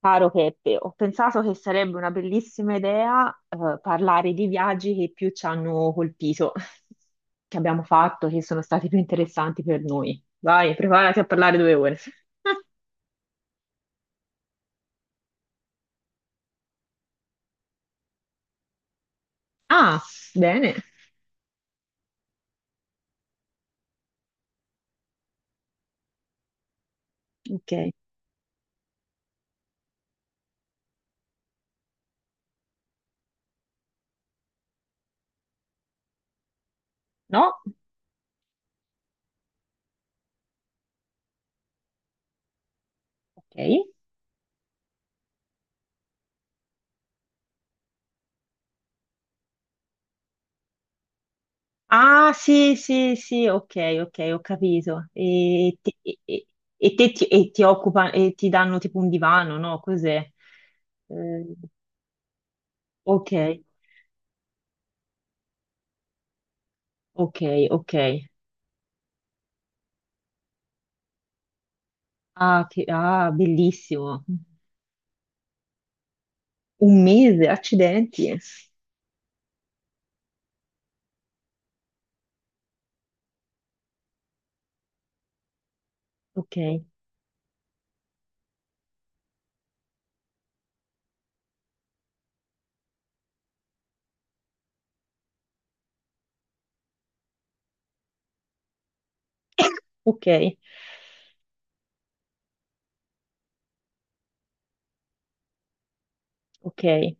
Caro Peppe, ho pensato che sarebbe una bellissima idea, parlare di viaggi che più ci hanno colpito, che abbiamo fatto, che sono stati più interessanti per noi. Vai, preparati a parlare 2 ore. Ah, bene. Ok. No? Ok. Ah, sì, sì, sì, ok, ok, ho capito. E ti e ti danno tipo un divano, no? Cos'è? Eh, ok, ok, ok. Ah, che, ah, bellissimo. Un mese, accidenti. Ok, ok, ok.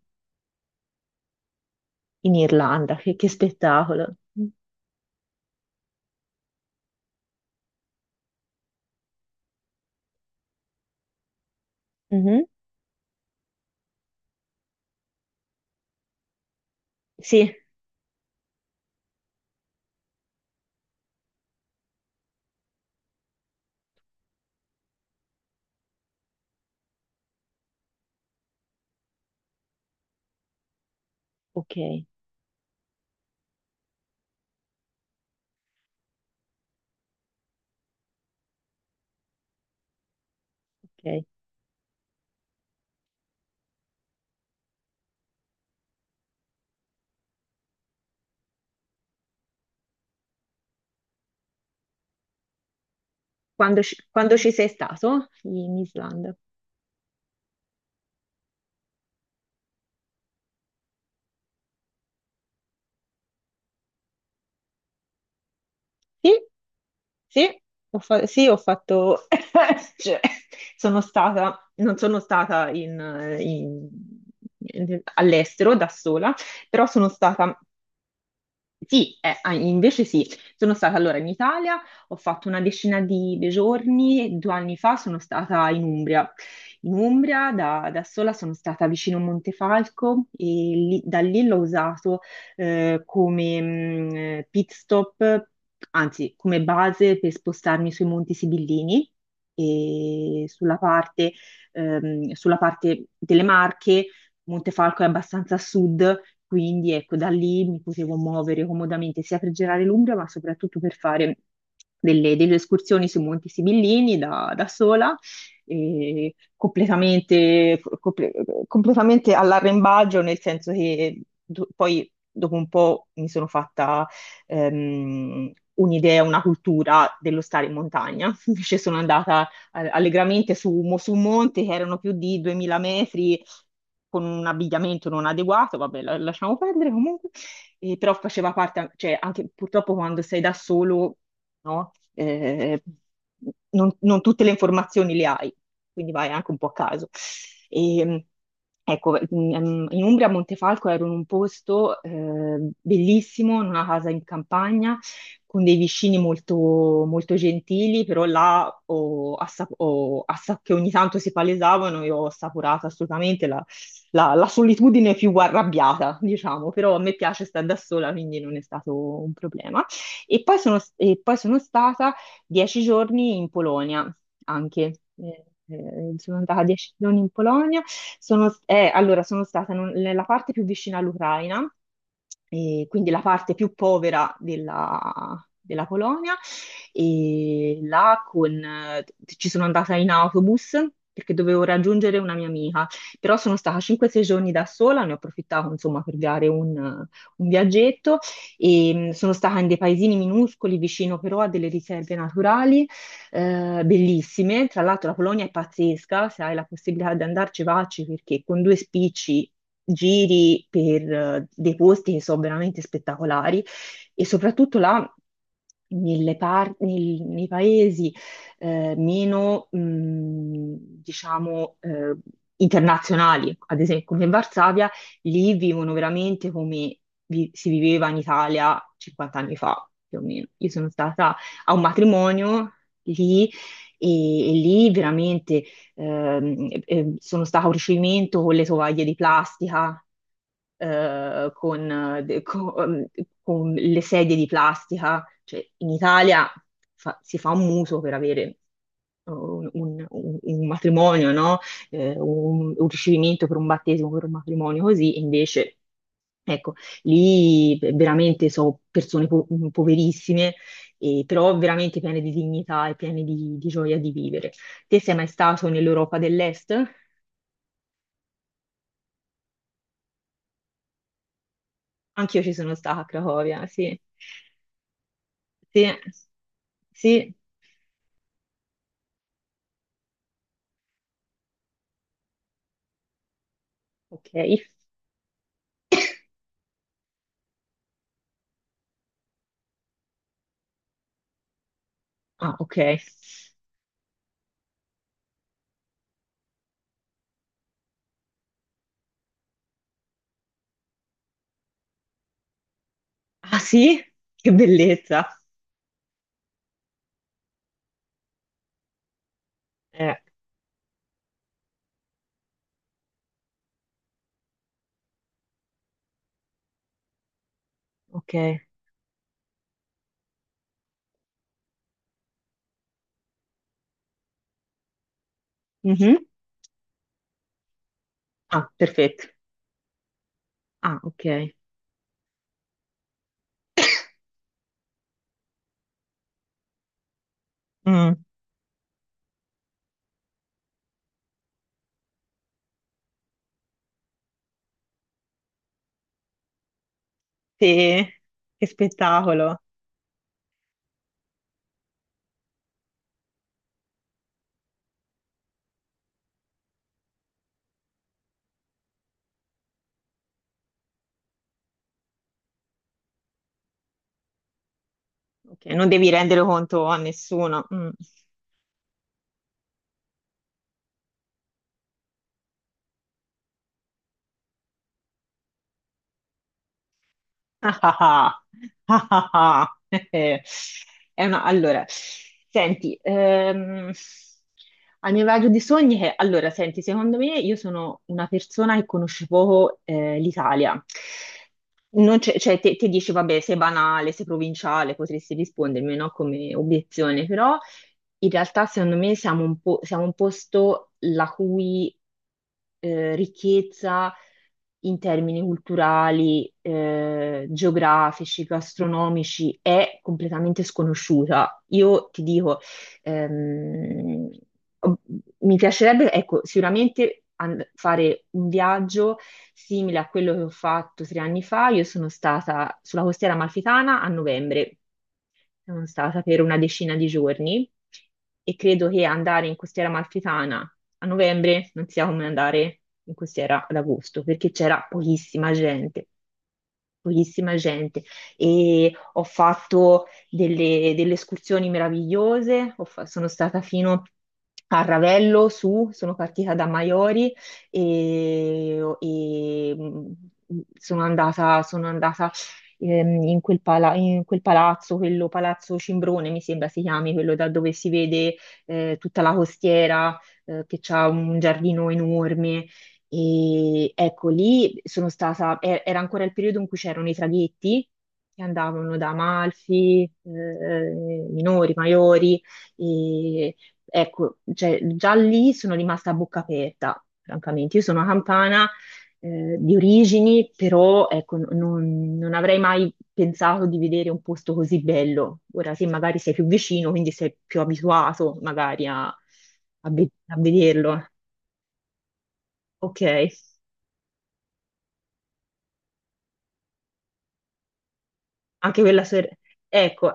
In Irlanda, che spettacolo. Mhm. Sì, ok, ok. Quando ci sei stato in Islanda? Sì, sì, sì, ho fatto... cioè, sono stata, non sono stata in- in- in- all'estero da sola, però sono stata. Sì, invece sì, sono stata allora in Italia, ho fatto una decina di giorni, 2 anni fa sono stata in Umbria. In Umbria da, da sola sono stata vicino a Montefalco e da lì l'ho usato come pit stop, anzi come base per spostarmi sui Monti Sibillini e sulla parte delle Marche. Montefalco è abbastanza a sud, quindi ecco, da lì mi potevo muovere comodamente sia per girare l'Umbria, ma soprattutto per fare delle, delle escursioni sui Monti Sibillini da, da sola, e completamente all'arrembaggio, nel senso che poi dopo un po' mi sono fatta un'idea, una cultura dello stare in montagna. Invece sono andata allegramente su, su un monte che erano più di 2000 metri con un abbigliamento non adeguato, vabbè, lasciamo perdere comunque, e però faceva parte, cioè anche purtroppo quando sei da solo, no? Non, non tutte le informazioni le hai, quindi vai anche un po' a caso. E, ecco, in Umbria, a Montefalco ero in un posto bellissimo, in una casa in campagna, con dei vicini molto, molto gentili, però là che ogni tanto si palesavano, io ho assaporato assolutamente la, la solitudine più arrabbiata, diciamo, però a me piace stare da sola, quindi non è stato un problema. E poi sono stata 10 giorni in Polonia anche. Sono andata 10 giorni in Polonia. Sono, allora, sono stata nella parte più vicina all'Ucraina, e quindi la parte più povera della, della Polonia, e là con, ci sono andata in autobus perché dovevo raggiungere una mia amica, però sono stata 5-6 giorni da sola, ne ho approfittato insomma per dare un viaggetto e sono stata in dei paesini minuscoli vicino però a delle riserve naturali bellissime. Tra l'altro la Polonia è pazzesca, se hai la possibilità di andarci, vacci perché con due spicci giri per dei posti che sono veramente spettacolari e soprattutto là nei paesi meno, diciamo, internazionali, ad esempio come Varsavia, lì vivono veramente come si viveva in Italia 50 anni fa, più o meno. Io sono stata a un matrimonio lì e lì veramente sono stata a un ricevimento con le tovaglie di plastica con, con le sedie di plastica. Cioè, in Italia si fa un muso per avere un, un matrimonio, no? Un ricevimento per un battesimo, per un matrimonio così, e invece, ecco, lì veramente sono persone poverissime, però veramente piene di dignità e piene di gioia di vivere. Te sei mai stato nell'Europa dell'Est? Anch'io ci sono stata a Cracovia, sì. Sì, sì, ok. Ah, ok. Ah, sì? Che bellezza. Eh, ok. Mhm. Ah, perfetto. Ah, ok. Mm. Sì, che spettacolo. Ok, non devi rendere conto a nessuno. Mm. Ah ah ah, ah ah ah. Allora, senti, al mio viaggio di sogni che, allora, senti, secondo me io sono una persona che conosce poco l'Italia. Non c'è- Cioè, te, te dici, vabbè, sei banale, sei provinciale, potresti rispondermi, no, come obiezione, però in realtà, secondo me, siamo un po', siamo un posto la cui ricchezza in termini culturali, geografici, gastronomici è completamente sconosciuta. Io ti dico, Ehm, ob- mi piacerebbe, ecco, sicuramente fare un viaggio simile a quello che ho fatto 3 anni fa. Io sono stata sulla costiera amalfitana a novembre, sono stata per una decina di giorni e credo che andare in costiera amalfitana a novembre non sia come andare in costiera ad agosto, perché c'era pochissima gente, pochissima gente, e ho fatto delle, delle escursioni meravigliose. Sono stata fino a Ravello su, sono partita da Maiori e, sono andata in quel, in quel palazzo, quello Palazzo Cimbrone mi sembra si chiami, quello da dove si vede tutta la costiera, che ha un giardino enorme e ecco, lì sono stata, era ancora il periodo in cui c'erano i traghetti che andavano da Amalfi, minori, maiori, e ecco, cioè, già lì sono rimasta a bocca aperta, francamente. Io sono campana, di origini, però ecco, non, non avrei mai pensato di vedere un posto così bello. Ora, se magari sei più vicino, quindi sei più abituato magari a a vederlo. Ok. Anche quella ser- Ecco,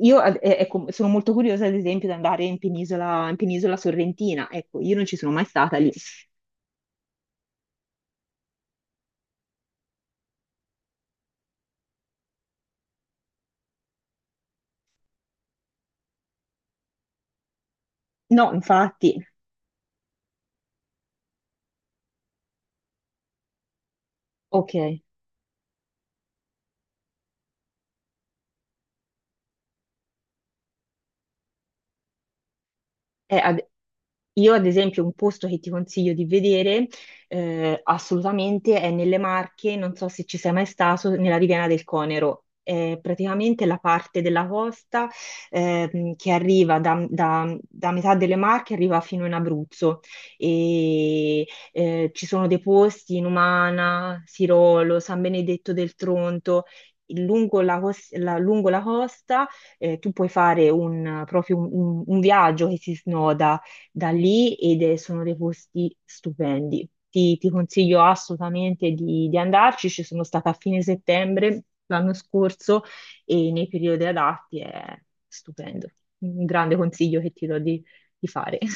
io ecco, sono molto curiosa, ad esempio, di andare in penisola sorrentina. Ecco, io non ci sono mai stata lì. No, infatti, ok. Eh, ad- Io, ad esempio, un posto che ti consiglio di vedere assolutamente è nelle Marche, non so se ci sei mai stato, nella Riviera del Conero. È praticamente la parte della costa che arriva da, da metà delle Marche, arriva fino in Abruzzo. E, ci sono dei posti in Umana, Sirolo, San Benedetto del Tronto. Lungo la, lungo la costa tu puoi fare un, proprio un viaggio che si snoda da lì ed sono dei posti stupendi. Ti consiglio assolutamente di andarci. Ci sono stata a fine settembre l'anno scorso e nei periodi adatti è stupendo. Un grande consiglio che ti do di fare.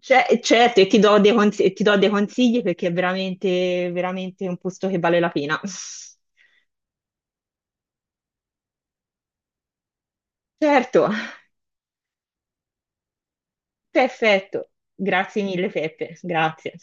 Cioè, certo, e ti do dei consigli, ti do dei consigli perché è veramente, veramente un posto che vale la pena. Certo, perfetto. Grazie mille, Peppe. Grazie.